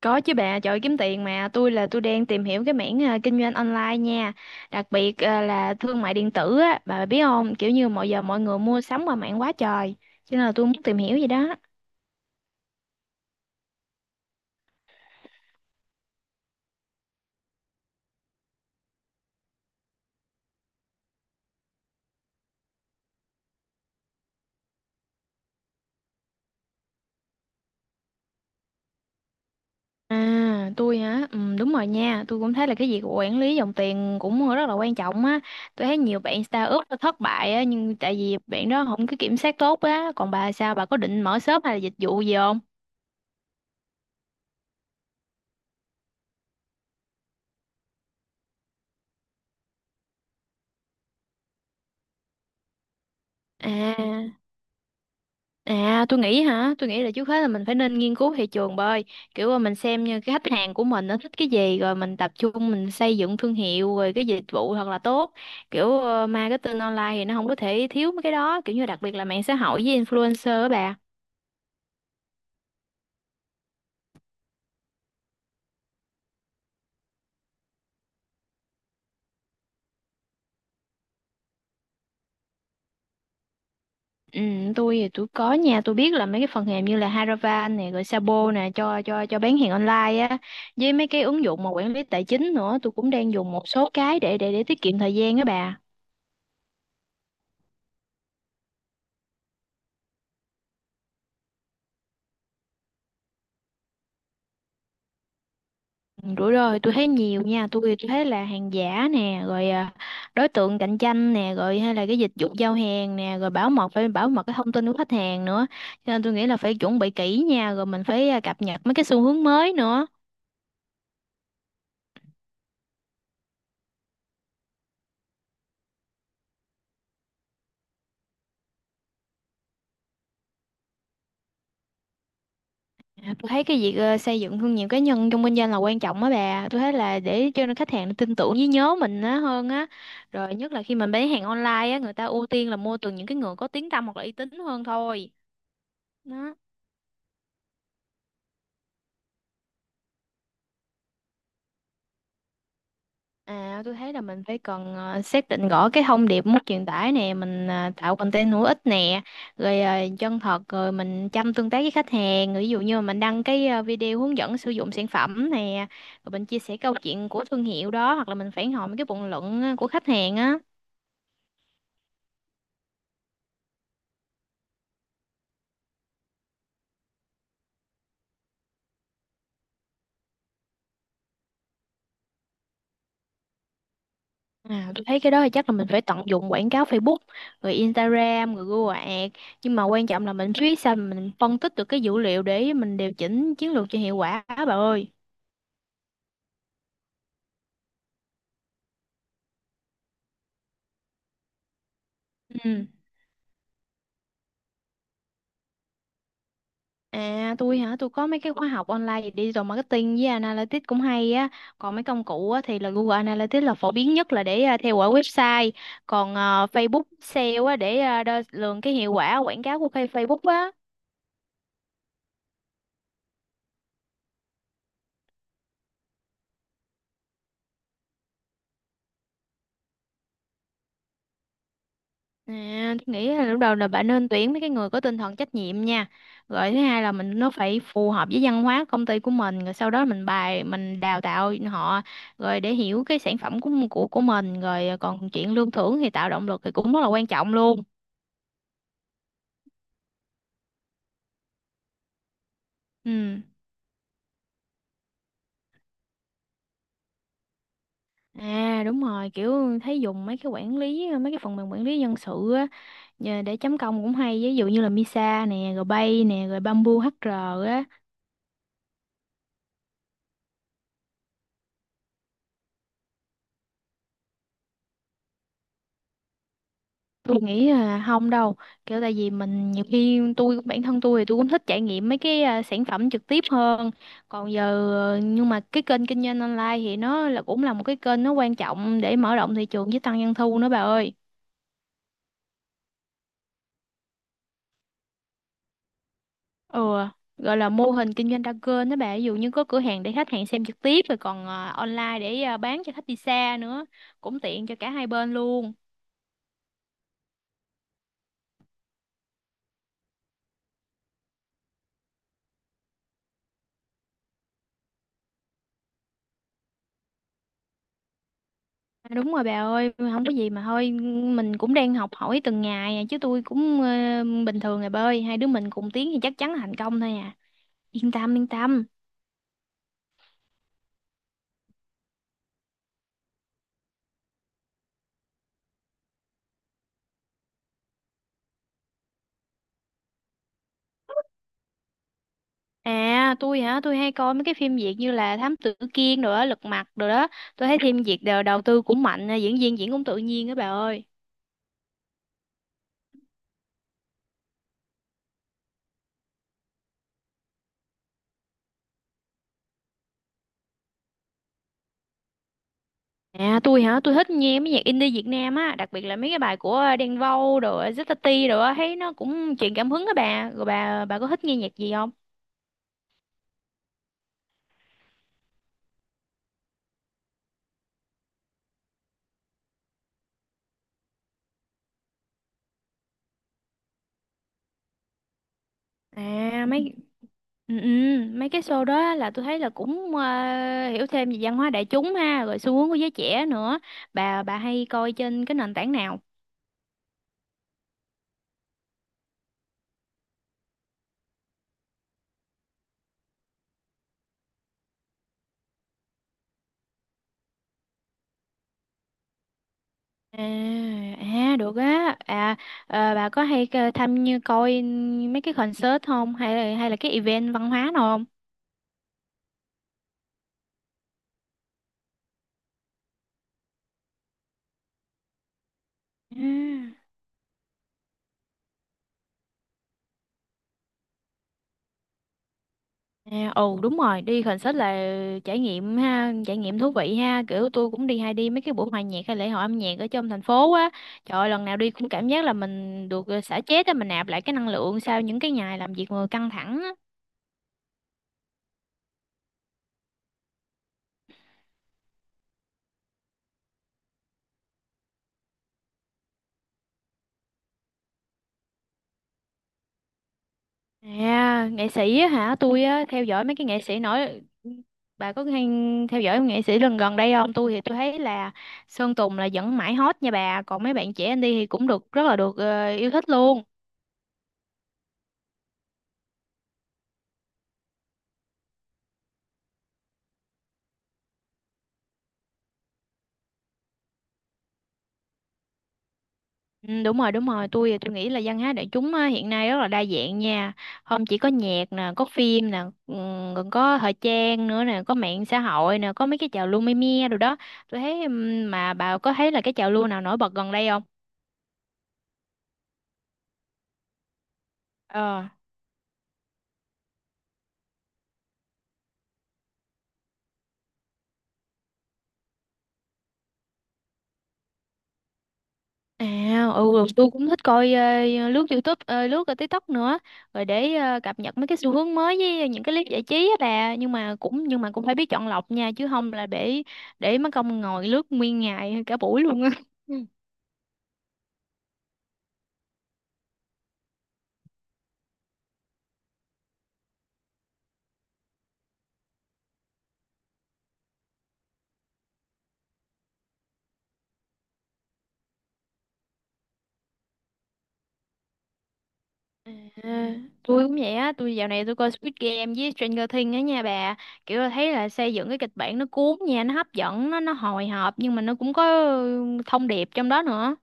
Có chứ bà, trời ơi, kiếm tiền mà tôi đang tìm hiểu cái mảng kinh doanh online nha, đặc biệt là thương mại điện tử á, bà biết không? Kiểu như mọi giờ mọi người mua sắm qua mạng quá trời, cho nên là tôi muốn tìm hiểu gì đó. À, tôi hả? Ừ, đúng rồi nha, tôi cũng thấy là cái việc quản lý dòng tiền cũng rất là quan trọng á. Tôi thấy nhiều bạn startup nó thất bại á, nhưng tại vì bạn đó không có kiểm soát tốt á, còn bà sao? Bà có định mở shop hay là dịch vụ gì không? À. À Tôi nghĩ là trước hết là mình phải nên nghiên cứu thị trường bơi. Kiểu là mình xem như cái khách hàng của mình nó thích cái gì, rồi mình tập trung mình xây dựng thương hiệu, rồi cái dịch vụ thật là tốt. Kiểu marketing online thì nó không có thể thiếu mấy cái đó, kiểu như đặc biệt là mạng xã hội với influencer á bà. Ừ tôi có nha. Tôi biết là mấy cái phần mềm như là Haravan này, rồi Sabo nè cho bán hàng online á. Với mấy cái ứng dụng mà quản lý tài chính nữa, tôi cũng đang dùng một số cái để tiết kiệm thời gian á bà. Ừ, rủi ro thì tôi thấy nhiều nha, tôi thấy là hàng giả nè, rồi đối tượng cạnh tranh nè, rồi hay là cái dịch vụ giao hàng nè, rồi bảo mật, phải bảo mật cái thông tin của khách hàng nữa, cho nên tôi nghĩ là phải chuẩn bị kỹ nha, rồi mình phải cập nhật mấy cái xu hướng mới nữa. À, tôi thấy cái việc xây dựng thương hiệu cá nhân trong kinh doanh là quan trọng á bà, tôi thấy là để cho nên khách hàng tin tưởng với nhớ mình á hơn á, rồi nhất là khi mình bán hàng online á, người ta ưu tiên là mua từ những cái người có tiếng tăm hoặc là uy tín hơn thôi đó. À, tôi thấy là mình phải cần xác định rõ cái thông điệp muốn truyền tải nè, mình tạo content hữu ích nè, rồi chân thật, rồi mình chăm tương tác với khách hàng, rồi ví dụ như mình đăng cái video hướng dẫn sử dụng sản phẩm nè, rồi mình chia sẻ câu chuyện của thương hiệu đó, hoặc là mình phản hồi mấy cái bình luận của khách hàng á. À, tôi thấy cái đó thì chắc là mình phải tận dụng quảng cáo Facebook, rồi Instagram, rồi Google Ads, nhưng mà quan trọng là mình biết sao mình phân tích được cái dữ liệu để mình điều chỉnh chiến lược cho hiệu quả á, bà ơi. Ừ. À tôi hả, tôi có mấy cái khóa học online về digital marketing với analytics cũng hay á. Còn mấy công cụ á, thì là Google Analytics là phổ biến nhất là để theo dõi website. Còn Facebook sale á, để đo lường cái hiệu quả quảng cáo của cái Facebook á. À, tôi nghĩ là lúc đầu là bạn nên tuyển mấy cái người có tinh thần trách nhiệm nha. Rồi thứ hai là mình nó phải phù hợp với văn hóa công ty của mình. Rồi sau đó mình bài mình đào tạo họ rồi để hiểu cái sản phẩm của mình. Rồi à, còn chuyện lương thưởng thì tạo động lực thì cũng rất là quan trọng luôn. Ừ. À đúng rồi, kiểu thấy dùng mấy cái quản lý, mấy cái phần mềm quản lý nhân sự á, nhờ để chấm công cũng hay, ví dụ như là Misa nè, rồi Bay nè, rồi Bamboo HR á. Tôi nghĩ là không đâu, kiểu tại vì mình nhiều khi tôi bản thân tôi cũng thích trải nghiệm mấy cái sản phẩm trực tiếp hơn. Còn giờ nhưng mà cái kênh kinh doanh online thì nó là cũng là một cái kênh nó quan trọng để mở rộng thị trường với tăng doanh thu nữa bà ơi. Ừ, gọi là mô hình kinh doanh đa kênh đó bà, ví dụ như có cửa hàng để khách hàng xem trực tiếp, rồi còn online để bán cho khách đi xa nữa, cũng tiện cho cả hai bên luôn. À, đúng rồi bà ơi, không có gì mà thôi, mình cũng đang học hỏi từng ngày chứ tôi cũng bình thường rồi bà ơi, hai đứa mình cùng tiến thì chắc chắn là thành công thôi à, yên tâm yên tâm. À tôi hả, tôi hay coi mấy cái phim Việt như là Thám Tử Kiên rồi đó, Lật Mặt rồi đó, tôi thấy phim Việt đều đầu tư cũng mạnh, diễn viên diễn cũng tự nhiên đó bà ơi. À tôi hả, tôi thích nghe mấy nhạc indie Việt Nam á, đặc biệt là mấy cái bài của Đen Vâu rồi Zeta T rồi á, thấy nó cũng truyền cảm hứng á bà. Rồi bà có thích nghe nhạc gì không? À mấy ừ, ừ, Mấy cái show đó là tôi thấy là cũng hiểu thêm về văn hóa đại chúng ha, rồi xu hướng của giới trẻ nữa. Bà hay coi trên cái nền tảng nào? À, à được á. À, bà có hay tham như coi mấy cái concert không, hay là cái event văn hóa nào không? À. À, ừ đúng rồi, đi concert là trải nghiệm ha, trải nghiệm thú vị ha, kiểu tôi cũng đi, hay đi mấy cái buổi hòa nhạc hay lễ hội âm nhạc ở trong thành phố á, trời ơi, lần nào đi cũng cảm giác là mình được xả stress á, mình nạp lại cái năng lượng sau những cái ngày làm việc mà căng thẳng á. À nghệ sĩ á hả, tôi á theo dõi mấy cái nghệ sĩ nổi. Bà có hay theo dõi nghệ sĩ lần gần đây không? Tôi thấy là Sơn Tùng là vẫn mãi hot nha bà, còn mấy bạn trẻ anh đi thì cũng được rất là được yêu thích luôn. Ừ, đúng rồi đúng rồi, tôi nghĩ là văn hóa đại chúng á, hiện nay rất là đa dạng nha, không chỉ có nhạc nè, có phim nè, còn có thời trang nữa nè, có mạng xã hội nè, có mấy cái trào lưu me me rồi đó. Tôi thấy mà bà có thấy là cái trào lưu nào nổi bật gần đây không? Ờ. À ừ, rồi tôi cũng thích coi lướt YouTube, lướt ở TikTok nữa, rồi để cập nhật mấy cái xu hướng mới với những cái clip giải trí á bà, nhưng mà cũng phải biết chọn lọc nha, chứ không là để mất công ngồi lướt nguyên ngày cả buổi luôn á. À, tôi cũng vậy á, tôi dạo này tôi coi Squid Game với Stranger Things á nha bà. Kiểu là thấy là xây dựng cái kịch bản nó cuốn nha, nó hấp dẫn, nó hồi hộp, nhưng mà nó cũng có ừ, thông điệp trong đó nữa.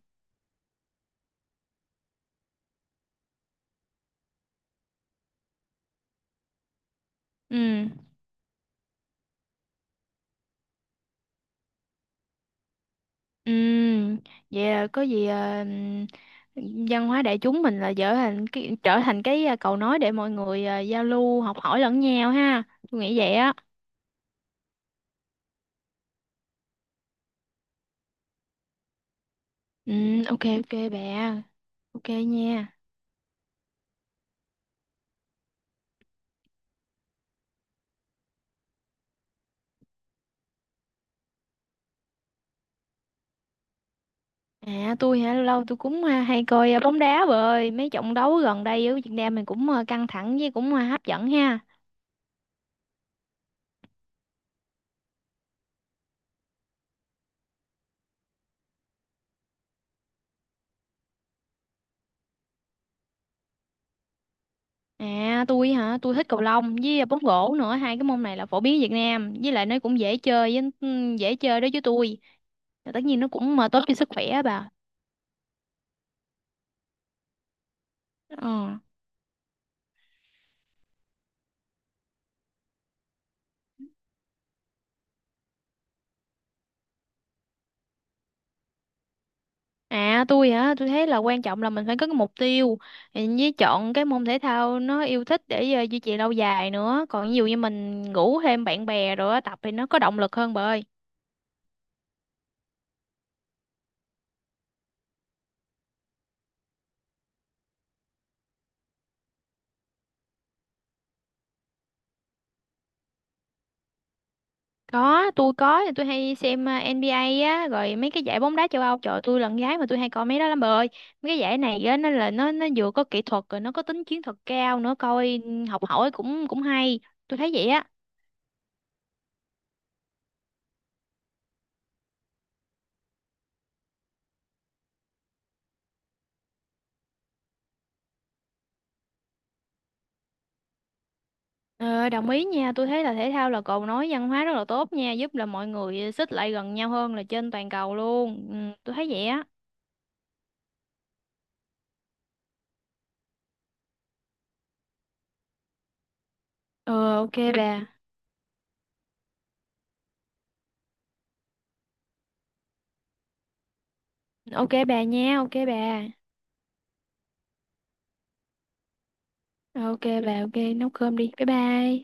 Ừ. Ừ. Vậy là có gì văn hóa đại chúng mình là trở thành cái cầu nối để mọi người giao lưu, học hỏi lẫn nhau ha. Tôi nghĩ vậy á. Ừ, ok ok bà. Ok nha. À tôi hả, lâu lâu tôi cũng hay coi bóng đá, rồi mấy trận đấu gần đây ở Việt Nam mình cũng căng thẳng với cũng hấp dẫn ha. À tôi hả, tôi thích cầu lông với bóng rổ nữa, hai cái môn này là phổ biến ở Việt Nam, với lại nó cũng dễ chơi với ừ, dễ chơi đối với tôi. Và tất nhiên nó cũng mà tốt cho sức khỏe á bà. Ờ. À tôi hả, tôi thấy là quan trọng là mình phải có cái mục tiêu với chọn cái môn thể thao nó yêu thích để duy trì lâu dài nữa. Còn ví dụ như mình ngủ thêm bạn bè rồi á, tập thì nó có động lực hơn bà ơi. Có, tôi hay xem NBA á, rồi mấy cái giải bóng đá châu Âu, trời ơi, tôi là con gái mà tôi hay coi mấy đó lắm bà ơi. Mấy cái giải này á, nó là nó vừa có kỹ thuật rồi nó có tính chiến thuật cao nữa, coi học hỏi cũng cũng hay. Tôi thấy vậy á. Ờ, đồng ý nha, tôi thấy là thể thao là cầu nối văn hóa rất là tốt nha, giúp là mọi người xích lại gần nhau hơn là trên toàn cầu luôn. Ừ, tôi thấy vậy á. Ờ, ok bà. Ok bà nha, ok bà. Ok bà, ok, nấu cơm đi. Bye bye.